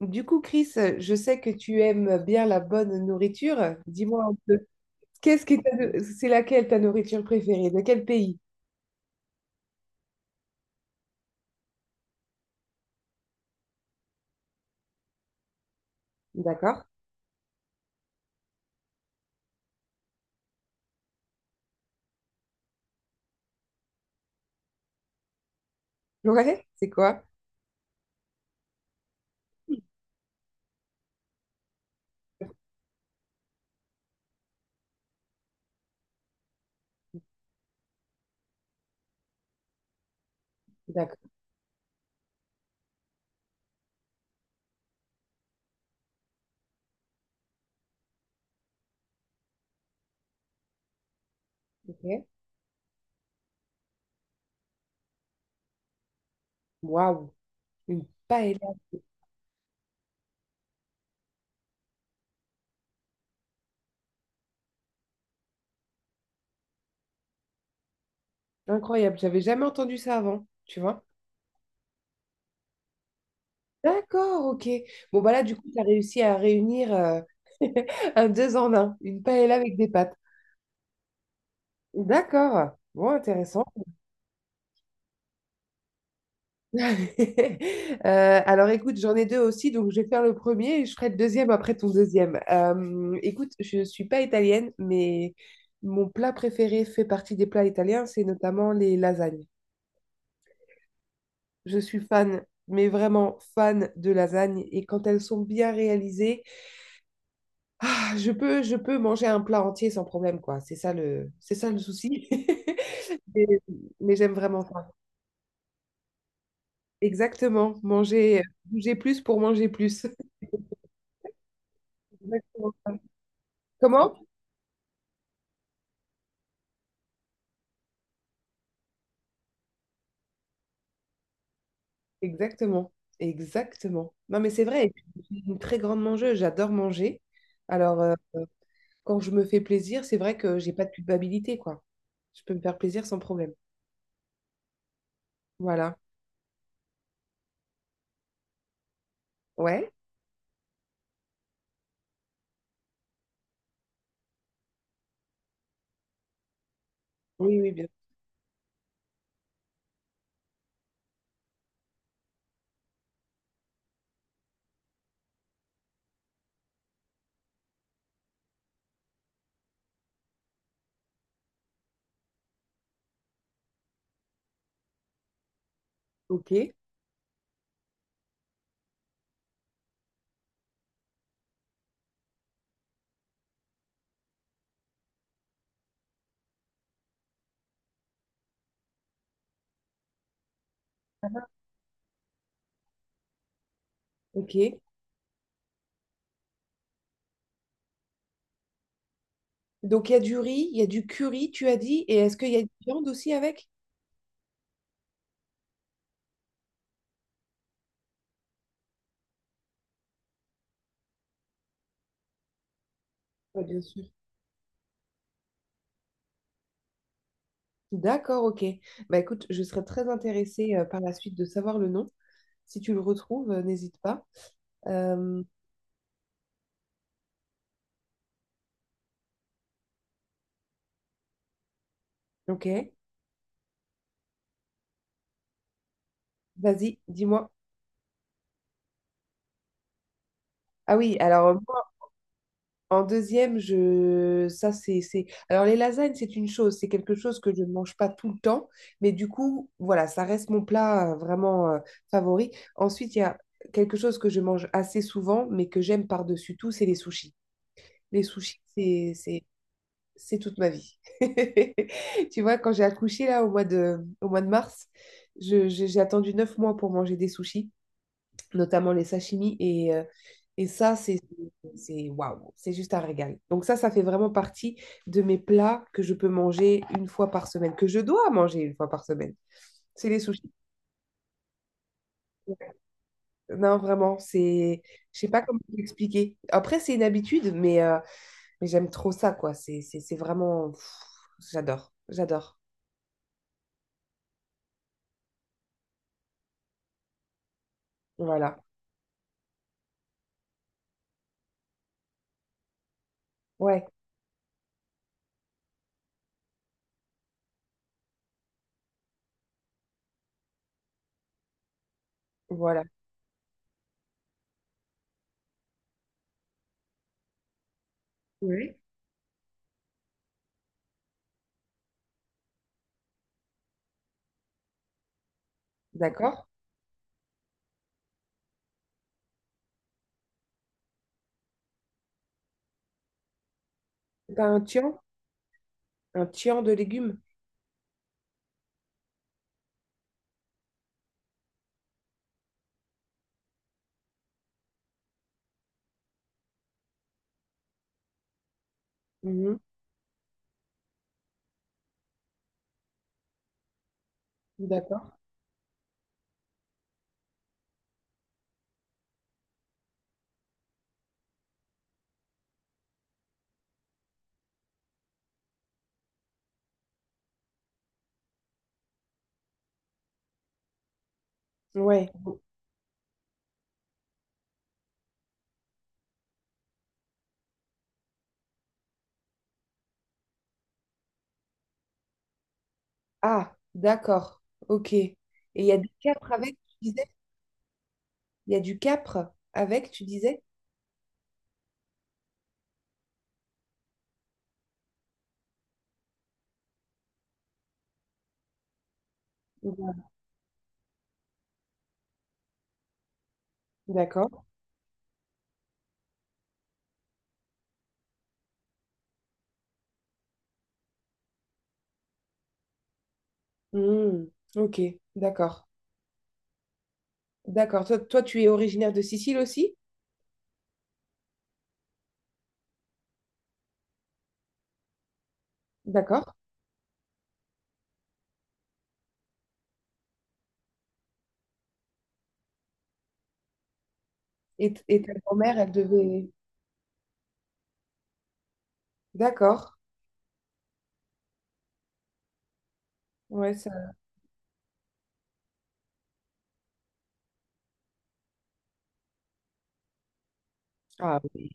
Du coup, Chris, je sais que tu aimes bien la bonne nourriture. Dis-moi un peu, qu'est-ce que t'as de- c'est laquelle ta nourriture préférée? De quel pays? D'accord. Ouais, c'est quoi? D'accord. Ok. Waouh, une paella incroyable. J'avais jamais entendu ça avant, tu vois? D'accord, ok. Bon, bah là, du coup, tu as réussi à réunir un deux en un, une paella avec des pâtes. D'accord. Bon, intéressant. Alors écoute, j'en ai deux aussi, donc je vais faire le premier et je ferai le deuxième après ton deuxième. Écoute, je ne suis pas italienne, mais mon plat préféré fait partie des plats italiens, c'est notamment les lasagnes. Je suis fan, mais vraiment fan de lasagnes et quand elles sont bien réalisées, ah, je peux manger un plat entier sans problème, quoi. C'est ça le souci. Mais, mais j'aime vraiment ça. Exactement, manger, bouger plus pour manger plus. Exactement. Comment? Exactement, exactement. Non, mais c'est vrai, et puis, je suis une très grande mangeuse, j'adore manger. Alors, quand je me fais plaisir, c'est vrai que j'ai pas de culpabilité, quoi. Je peux me faire plaisir sans problème. Voilà. Ouais. Oui, oui, bien. Ok, ok. Donc, il y a du riz, il y a du curry, tu as dit, et est-ce qu'il y a de la viande aussi avec? Ouais, bien sûr. D'accord, ok. Bah écoute, je serais très intéressée par la suite de savoir le nom. Si tu le retrouves, n'hésite pas. Euh, ok, vas-y, dis-moi. Ah oui, alors. En deuxième, je... ça c'est... Alors les lasagnes, c'est une chose, c'est quelque chose que je ne mange pas tout le temps, mais du coup, voilà, ça reste mon plat vraiment favori. Ensuite, il y a quelque chose que je mange assez souvent, mais que j'aime par-dessus tout, c'est les sushis. Les sushis, c'est toute ma vie. Tu vois, quand j'ai accouché là au mois de mars, j'ai attendu 9 mois pour manger des sushis, notamment les sashimi. Et ça, waouh, c'est juste un régal. Donc ça fait vraiment partie de mes plats que je peux manger une fois par semaine, que je dois manger une fois par semaine. C'est les sushis. Non, vraiment, c'est... Je sais pas comment l'expliquer. Après, c'est une habitude, mais j'aime trop ça, quoi. C'est vraiment... j'adore, j'adore. Voilà. Ouais, voilà. Oui. D'accord. C'est pas un tian? Un tian de légumes? Mhm. D'accord. Ouais. Ah, d'accord. Ok. Et il y a du capre avec, tu disais? Il y a du capre avec, tu disais? D'accord. Hmm, ok, d'accord. D'accord. Toi, toi, tu es originaire de Sicile aussi? D'accord. Et, et ta grand-mère, elle devait... D'accord. Ouais, ça... Ah oui.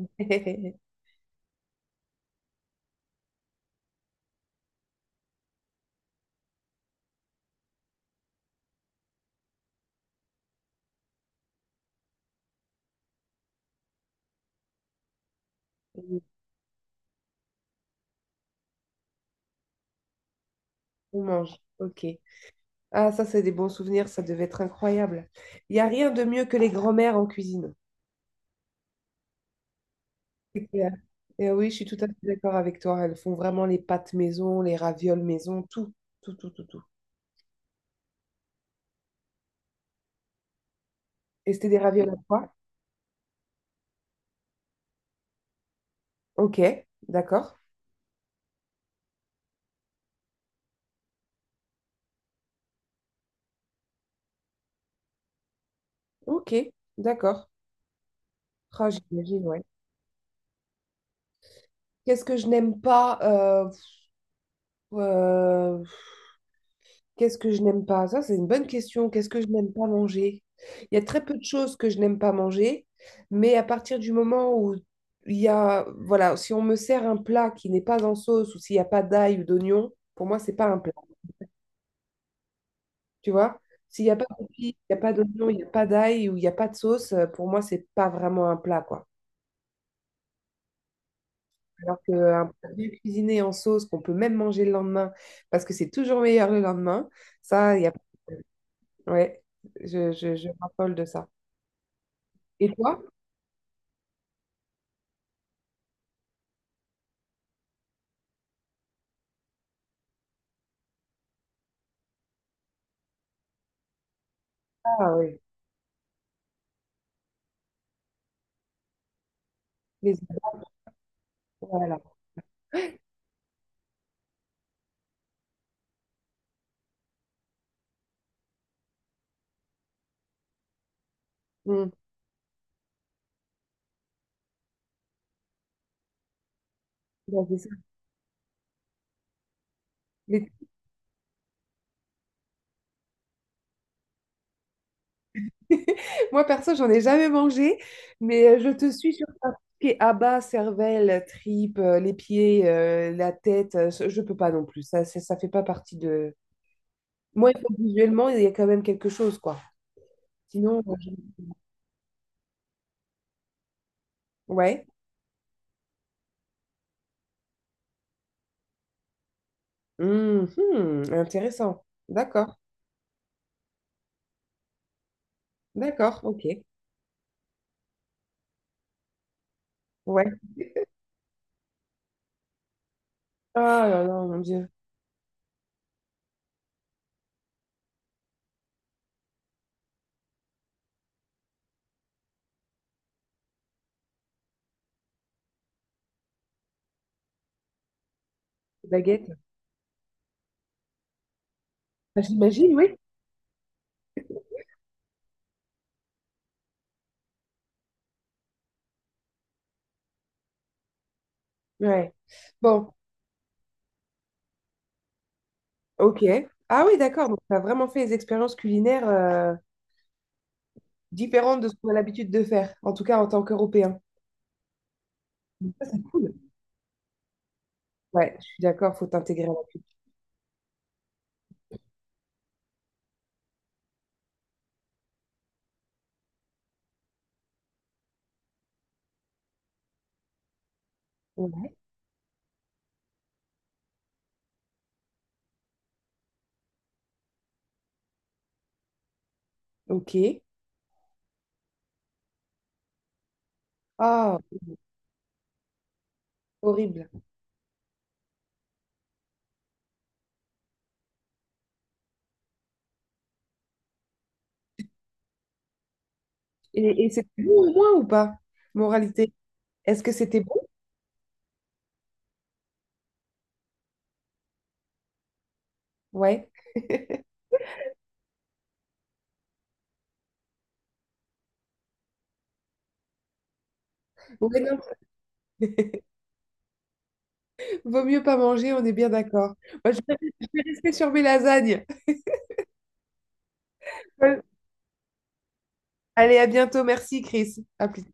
On mange. Ok. Ah, ça, c'est des bons souvenirs. Ça devait être incroyable. Il n'y a rien de mieux que les grand-mères en cuisine. C'est clair. Et oui, je suis tout à fait d'accord avec toi. Elles font vraiment les pâtes maison, les ravioles maison, tout, tout, tout, tout, tout. Et c'était des ravioles à quoi? Ok, d'accord. Ok, d'accord. Ah, j'imagine, ouais. Qu'est-ce que je n'aime pas euh, qu'est-ce que je n'aime pas? Ça, c'est une bonne question. Qu'est-ce que je n'aime pas manger? Il y a très peu de choses que je n'aime pas manger, mais à partir du moment où il y a, voilà, si on me sert un plat qui n'est pas en sauce ou s'il n'y a pas d'ail ou d'oignon, pour moi, c'est pas un plat. Tu vois? S'il n'y a pas d'épices, il n'y a pas d'oignon, il n'y a pas d'ail ou il n'y a pas de sauce, pour moi, c'est pas vraiment un plat, quoi. Alors qu'un plat bien cuisiné en sauce qu'on peut même manger le lendemain parce que c'est toujours meilleur le lendemain, ça, il y a... Ouais, je m'affole de ça. Et toi? Ah oui, les... Voilà. Mm. Bon, c'est ça. Les- Moi, perso, j'en ai jamais mangé, mais je te suis sur ça. Tout ce qui est abats, cervelle, tripes, les pieds, la tête, je peux pas non plus. Ça fait pas partie de. Moi, il faut que visuellement, il y a quand même quelque chose, quoi. Sinon, ouais. Mhm, intéressant. D'accord, d'accord, ok. Ouais. Ah là là, mon Dieu. Baguette. Bah, j'imagine, oui. Ouais. Bon, ok. Ah oui, d'accord. Donc, tu as vraiment fait des expériences culinaires différentes de ce qu'on a l'habitude de faire, en tout cas en tant qu'Européen. Donc ça, c'est cool. Ouais, je suis d'accord, faut t'intégrer à la culture. Ouais. Ok. Ah, horrible. Et c'était bon au moins ou pas? Moralité. Est-ce que c'était bon? Ouais. Ouais, non. Vaut mieux pas manger, on est bien d'accord. Moi, je vais rester sur mes lasagnes. Allez, à bientôt. Merci, Chris. À plus.